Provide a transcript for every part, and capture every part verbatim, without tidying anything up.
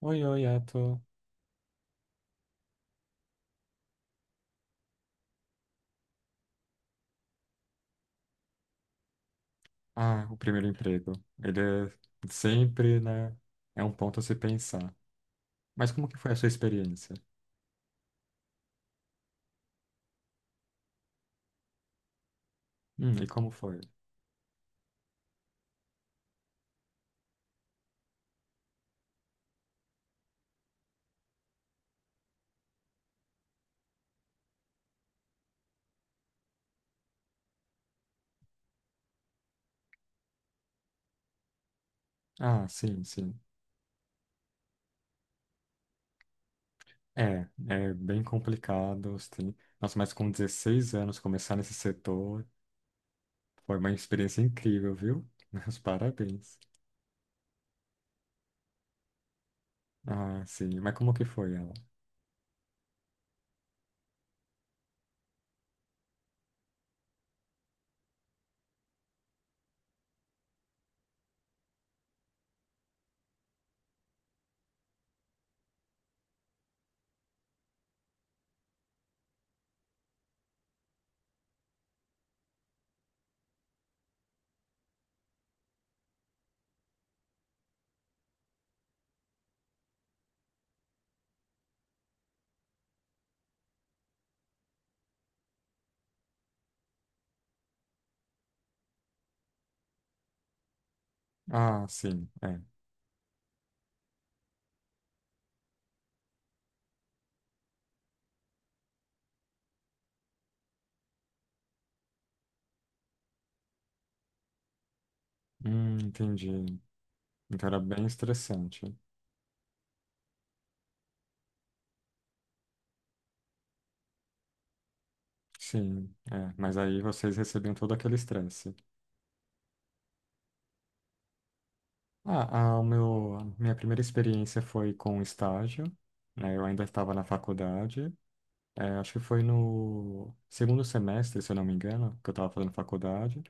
Oi, oi, Yato. Ah, o primeiro emprego. Ele é sempre, né? É um ponto a se pensar. Mas como que foi a sua experiência? Hum, e como foi? Ah, sim, sim. É, é bem complicado. Sim. Nossa, mas com dezesseis anos começar nesse setor foi uma experiência incrível, viu? Meus parabéns. Ah, sim. Mas como que foi ela? Ah, sim, é. Hum, entendi. Então era bem estressante. Sim, é. Mas aí vocês recebiam todo aquele estresse. Ah, a o meu, a minha primeira experiência foi com estágio, né? Eu ainda estava na faculdade, é, acho que foi no segundo semestre, se eu não me engano, que eu estava fazendo faculdade,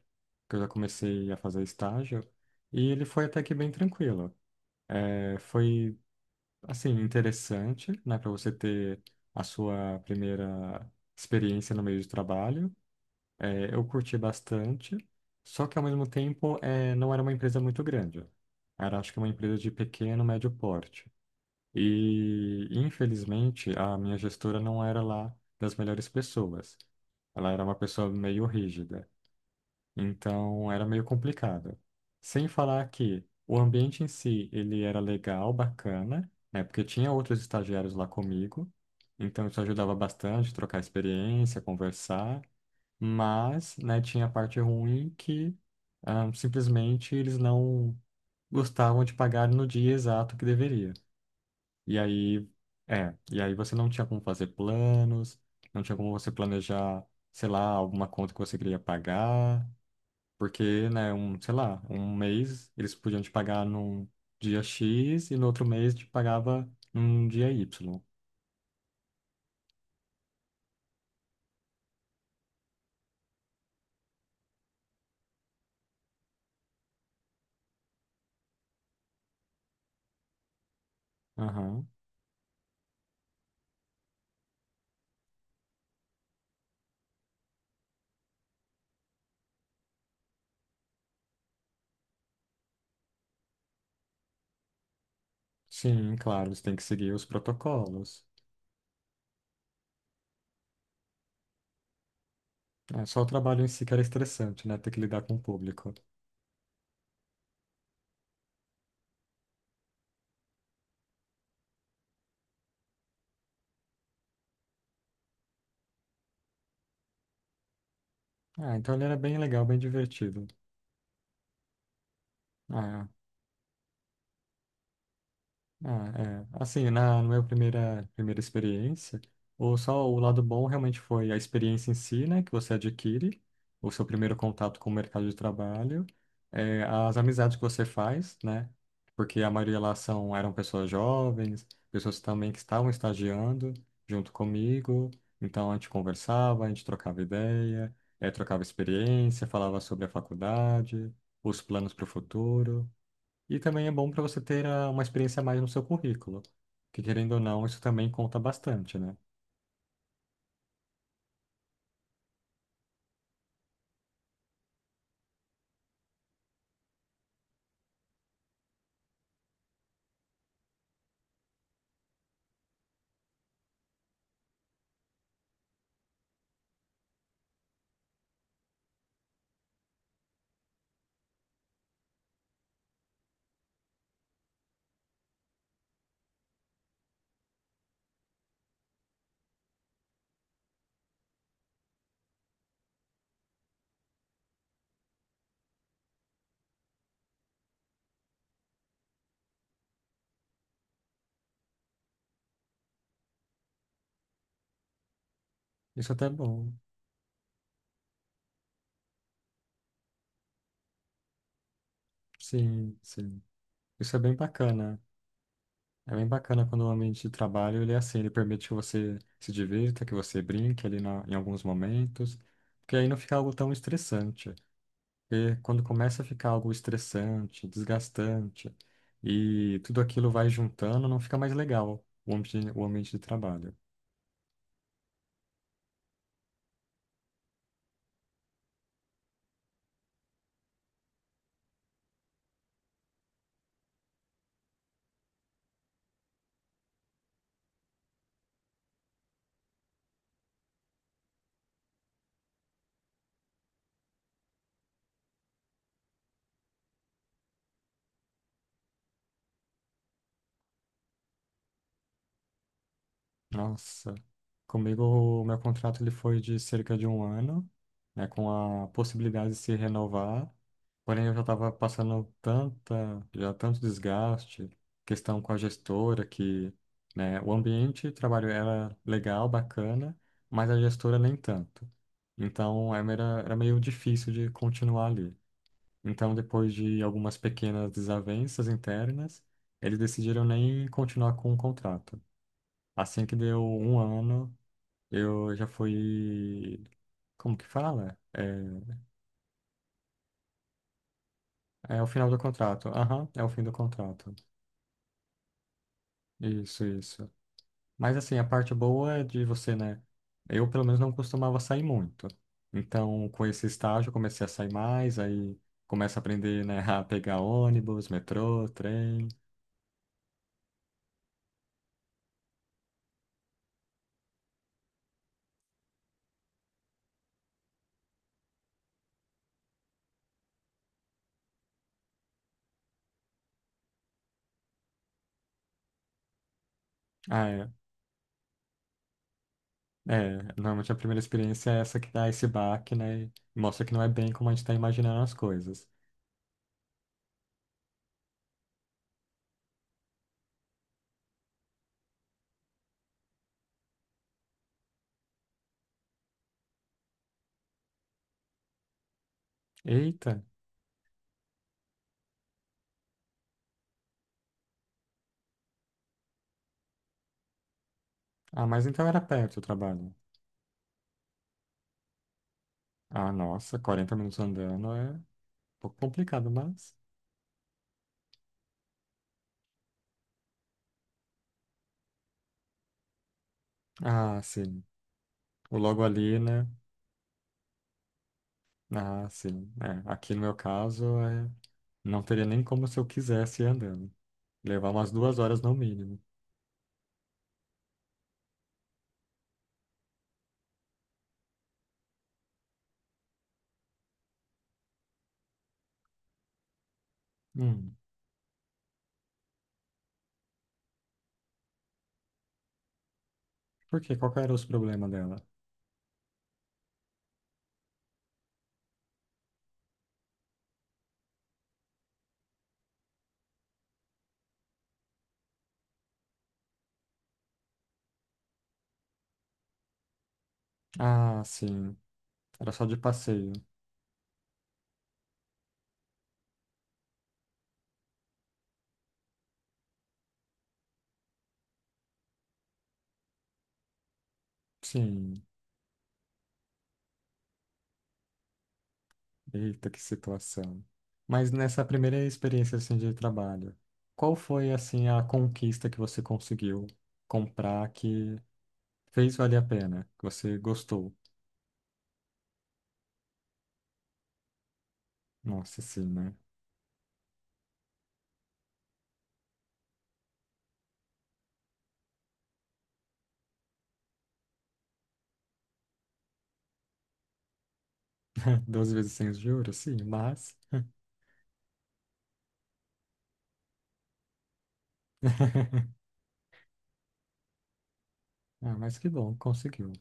que eu já comecei a fazer estágio, e ele foi até que bem tranquilo. É, foi, assim, interessante, né, para você ter a sua primeira experiência no meio de trabalho, é, eu curti bastante, só que ao mesmo tempo é, não era uma empresa muito grande. Era, acho que, uma empresa de pequeno, médio porte. E, infelizmente, a minha gestora não era lá das melhores pessoas. Ela era uma pessoa meio rígida, então era meio complicado. Sem falar que o ambiente em si, ele era legal, bacana, né? Porque tinha outros estagiários lá comigo, então isso ajudava bastante, trocar experiência, conversar. Mas, né, tinha a parte ruim que ah, simplesmente eles não gostavam de pagar no dia exato que deveria. E aí, é, e aí você não tinha como fazer planos, não tinha como você planejar, sei lá, alguma conta que você queria pagar, porque, né, um, sei lá, um mês eles podiam te pagar num dia X e no outro mês te pagava num dia Y. Aham. Sim, claro, eles têm que seguir os protocolos. É, só o trabalho em si que era estressante, né? Ter que lidar com o público. Ah, então ele era bem legal, bem divertido. Ah, Ah, é. Assim, na, na minha primeira, primeira experiência, o, só o lado bom realmente foi a experiência em si, né, que você adquire, o seu primeiro contato com o mercado de trabalho, é, as amizades que você faz, né, porque a maioria lá são, eram pessoas jovens, pessoas também que estavam estagiando junto comigo, então a gente conversava, a gente trocava ideia, é, trocava experiência, falava sobre a faculdade, os planos para o futuro. E também é bom para você ter ah, uma experiência a mais no seu currículo, que querendo ou não, isso também conta bastante, né? Isso até é bom. Sim, sim. Isso é bem bacana. É bem bacana quando o ambiente de trabalho ele é assim, ele permite que você se divirta, que você brinque ali na- em alguns momentos, porque aí não fica algo tão estressante. Porque quando começa a ficar algo estressante, desgastante, e tudo aquilo vai juntando, não fica mais legal o ambiente, o ambiente de trabalho. Nossa, comigo o meu contrato ele foi de cerca de um ano, né, com a possibilidade de se renovar. Porém, eu já estava passando tanta, já tanto desgaste, questão com a gestora que, né, o ambiente de trabalho era legal, bacana, mas a gestora nem tanto. Então, é, era, era meio difícil de continuar ali. Então, depois de algumas pequenas desavenças internas, eles decidiram nem continuar com o contrato. Assim que deu um ano, eu já fui. Como que fala? É, é o final do contrato. Aham, é o fim do contrato. Isso, isso. Mas assim, a parte boa é de você, né? Eu, pelo menos, não costumava sair muito. Então, com esse estágio, eu comecei a sair mais, aí começa a aprender, né, a pegar ônibus, metrô, trem. Ah, é. É, normalmente a primeira experiência é essa que dá esse baque, né? E mostra que não é bem como a gente tá imaginando as coisas. Eita! Ah, mas então era perto o trabalho. Ah, nossa, quarenta minutos andando é um pouco complicado, mas. Ah, sim. O logo ali, né? Ah, sim. É, aqui no meu caso, é... não teria nem como se eu quisesse ir andando. Levar umas duas horas no mínimo. Hum, por quê? Qual que era os problemas dela? Ah, sim. Era só de passeio. Sim. Eita, que situação. Mas nessa primeira experiência assim, de trabalho, qual foi assim a conquista que você conseguiu comprar que fez valer a pena, que você gostou? Nossa, sim, né? doze vezes sem os juros, sim, mas... Ah, mas que bom, conseguiu.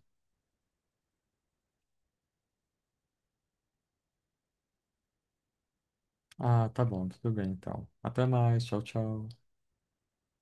Ah, tá bom, tudo bem então. Até mais, tchau, tchau.